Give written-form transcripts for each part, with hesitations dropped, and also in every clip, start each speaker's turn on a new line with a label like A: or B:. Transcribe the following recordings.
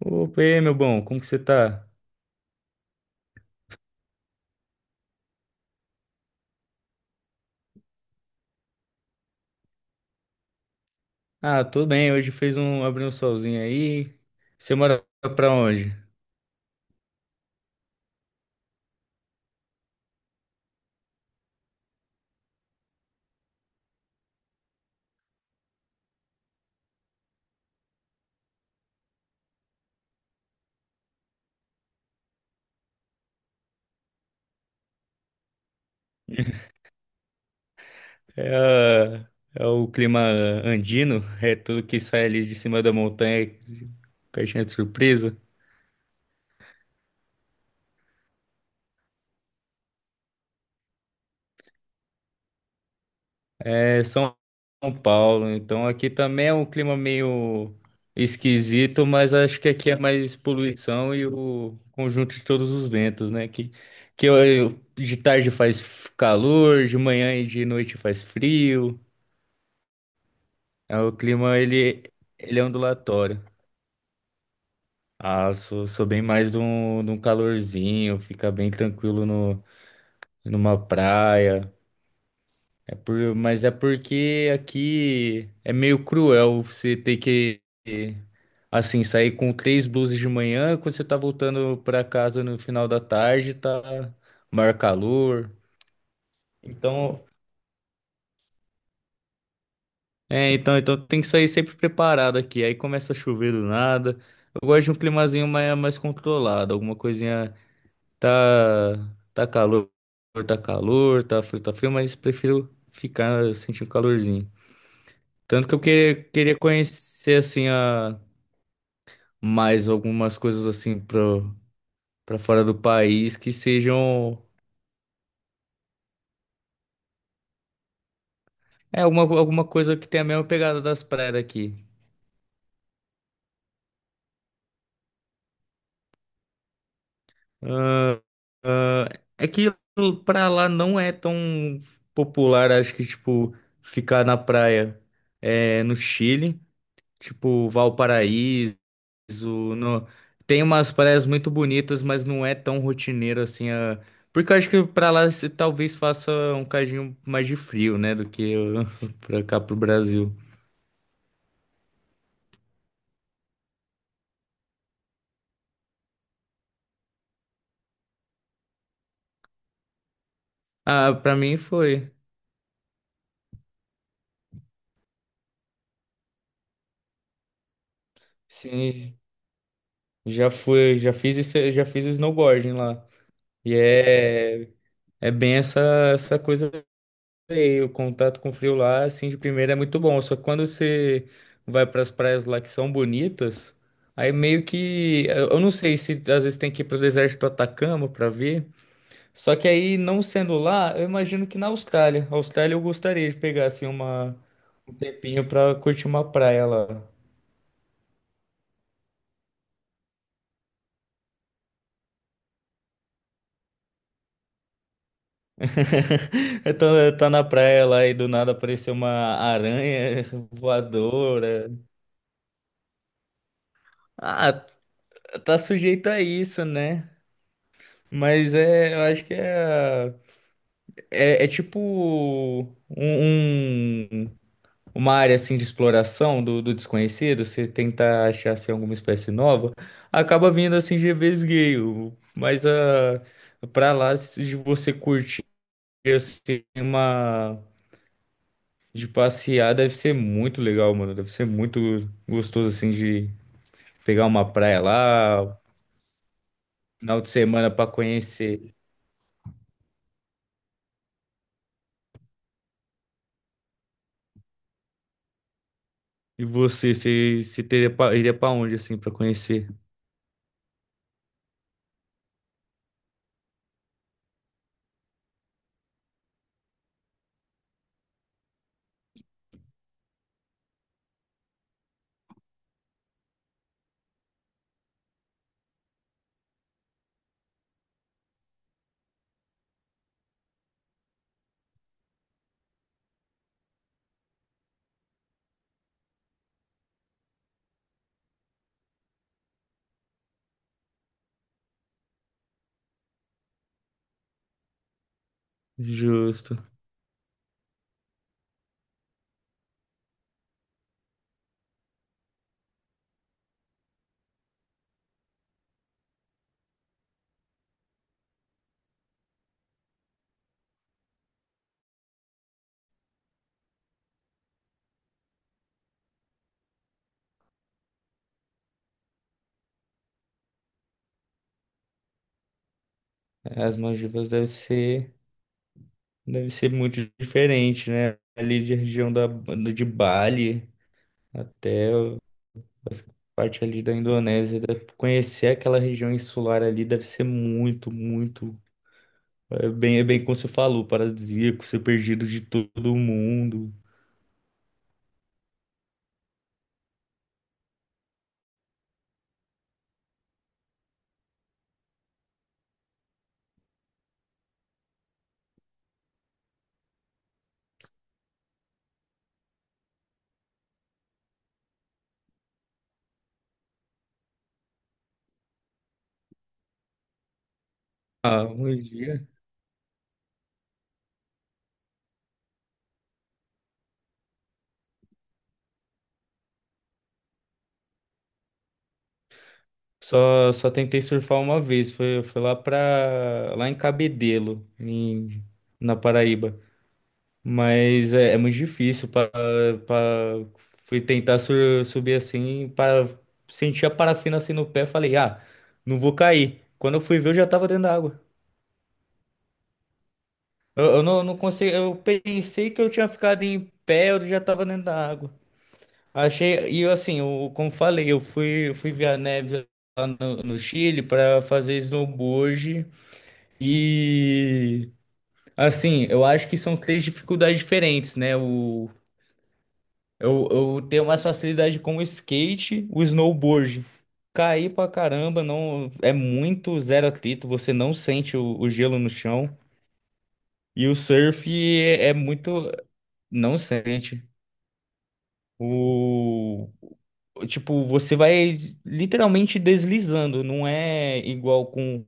A: Opa, e aí, meu bom, como que você tá? Ah, tô bem, hoje fez abriu um solzinho aí. Você mora pra onde? É o clima andino, é tudo que sai ali de cima da montanha, caixinha de surpresa. É São Paulo, então aqui também é um clima meio esquisito, mas acho que aqui é mais poluição e o conjunto de todos os ventos, né? Que de tarde faz calor, de manhã e de noite faz frio. É, O clima, ele é ondulatório. Ah, eu sou bem mais de um calorzinho, fica bem tranquilo no, numa praia. Mas é porque aqui é meio cruel você ter que, assim, sair com três blusas de manhã, quando você tá voltando pra casa no final da tarde, tá maior calor. Então, então tem que sair sempre preparado aqui. Aí começa a chover do nada. Eu gosto de um climazinho mais controlado, alguma coisinha. Tá, tá calor, tá calor, tá frio, mas prefiro ficar sentindo calorzinho. Tanto que eu queria conhecer assim a mais algumas coisas assim para fora do país que sejam é alguma coisa que tenha a mesma pegada das praias daqui. Ah, ah, é que pra lá não é tão popular, acho que tipo ficar na praia é, no Chile, tipo Valparaíso o- no- tem umas praias muito bonitas, mas não é tão rotineiro assim. A... Porque eu acho que pra lá você talvez faça um cadinho mais de frio, né? Pra cá pro Brasil. Ah, pra mim foi. Sim, já fui, já fiz isso, já fiz snowboarding lá. E é bem essa coisa, sei, o contato com o frio lá, assim, de primeira é muito bom. Só que quando você vai para as praias lá que são bonitas, aí meio que... Eu não sei se às vezes tem que ir para o deserto do Atacama para ver. Só que aí, não sendo lá, eu imagino que na Austrália. A Austrália eu gostaria de pegar, assim, uma... um tempinho para curtir uma praia lá. Então, eu tá na praia lá e do nada apareceu uma aranha voadora. Ah, tá sujeito a isso, né? Mas é, eu acho que é. É, é tipo um, um- uma área assim de exploração do desconhecido, você tenta achar assim alguma espécie nova, acaba vindo assim de vesgueio, mas a para lá se- de você curtir assim, uma de passear deve ser muito legal, mano, deve ser muito gostoso assim de pegar uma praia lá, final de semana pra conhecer. E você teria iria pra onde assim pra conhecer? Justo. As Maldivas deve ser muito diferente, né? Ali de região de Bali até as parte ali da Indonésia. Conhecer aquela região insular ali deve ser muito. É bem como você falou, paradisíaco, ser perdido de todo mundo. Ah, um dia. Só tentei surfar uma vez. Foi lá pra, lá em Cabedelo, em, na Paraíba. Mas é, é muito difícil, para fui tentar subir assim, para sentir a parafina assim no pé, falei, ah, não vou cair. Quando eu fui ver, eu já tava dentro da água. Eu não consegui, eu pensei que eu tinha ficado em pé, eu já tava dentro da água. Achei, e eu, assim, eu, como falei, eu fui ver a neve lá no Chile para fazer snowboard. E assim, eu acho que são três dificuldades diferentes, né? Eu tenho mais facilidade com o skate, o snowboard. Cair pra caramba, não é muito zero atrito, você não sente o gelo no chão. E o surf é, é muito. Não sente. O. Tipo, você vai literalmente deslizando, não é igual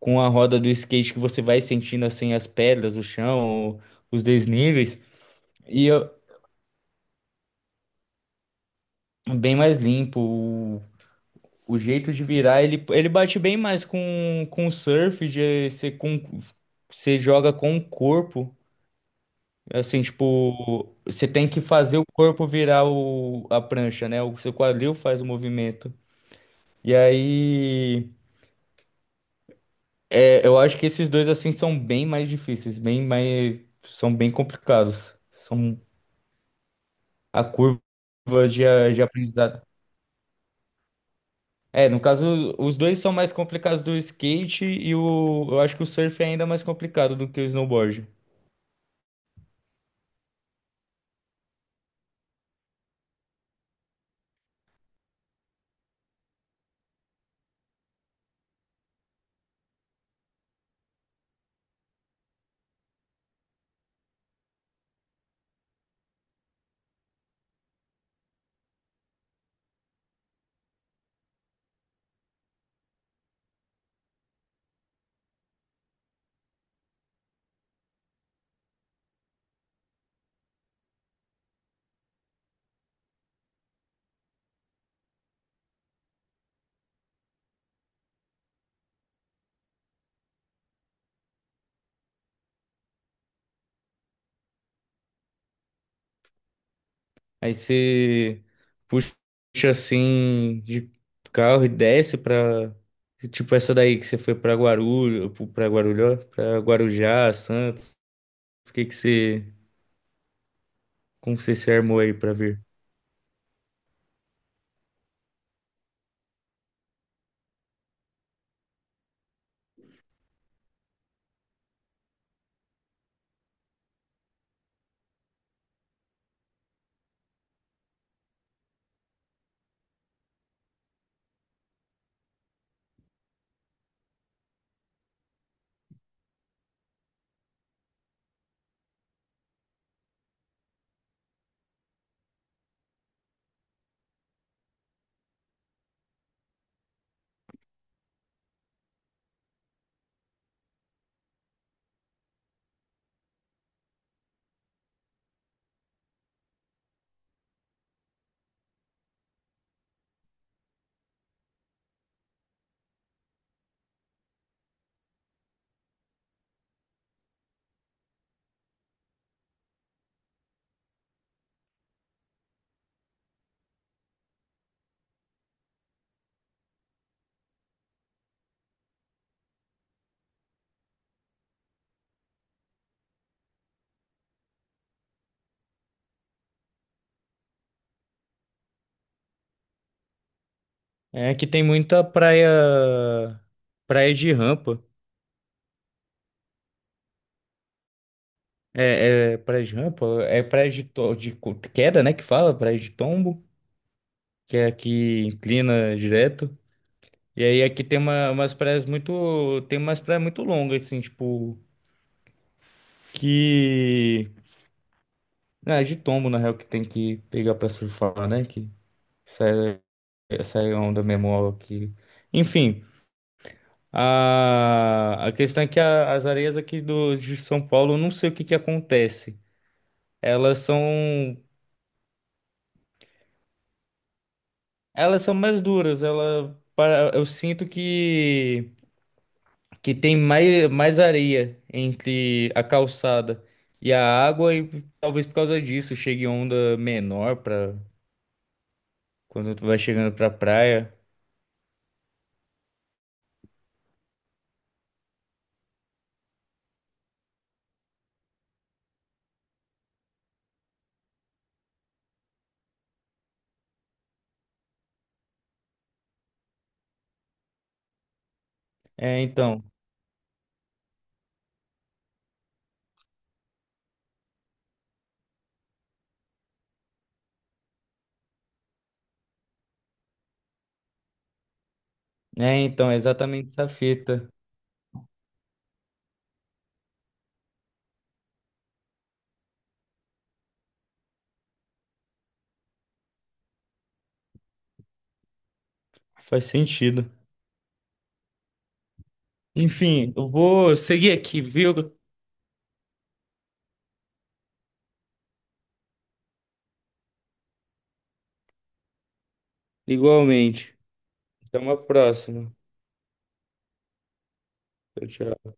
A: com a roda do skate, que você vai sentindo assim as pedras, o chão, os desníveis. E eu- Bem mais limpo. O jeito de virar, ele bate bem mais com surf, você joga com o corpo. Assim, tipo, você tem que fazer o corpo virar a prancha, né? O seu quadril faz o movimento. E aí, é, eu acho que esses dois, assim, são bem mais difíceis, bem mais, são bem complicados. São a curva de aprendizado. É, no caso, os dois são mais complicados do skate, e o, eu acho que o surf é ainda mais complicado do que o snowboard. Aí você puxa assim de carro e desce pra, tipo essa daí que você foi pra Guarujá, Santos. O que que você, como você se armou aí pra vir? É que tem praia de rampa. É, é praia de rampa, é praia de, queda, né, que fala, praia de tombo, que é aqui, inclina direto. E aí aqui tem umas praias muito, tem umas praias muito longas, assim, tipo, que, ah, de tombo, na real, que tem que pegar pra surfar, né, que sai, sai a onda mesmo aqui. Enfim, a questão é que as areias aqui de São Paulo, eu não sei o que que acontece. Elas são, elas são mais duras, eu sinto que tem mais, mais areia entre a calçada e a água, e talvez por causa disso chegue onda menor para quando tu vai chegando pra praia. É, então, é, então, é exatamente essa fita. Faz sentido. Enfim, eu vou seguir aqui, viu? Igualmente. Até uma próxima. Tchau, tchau.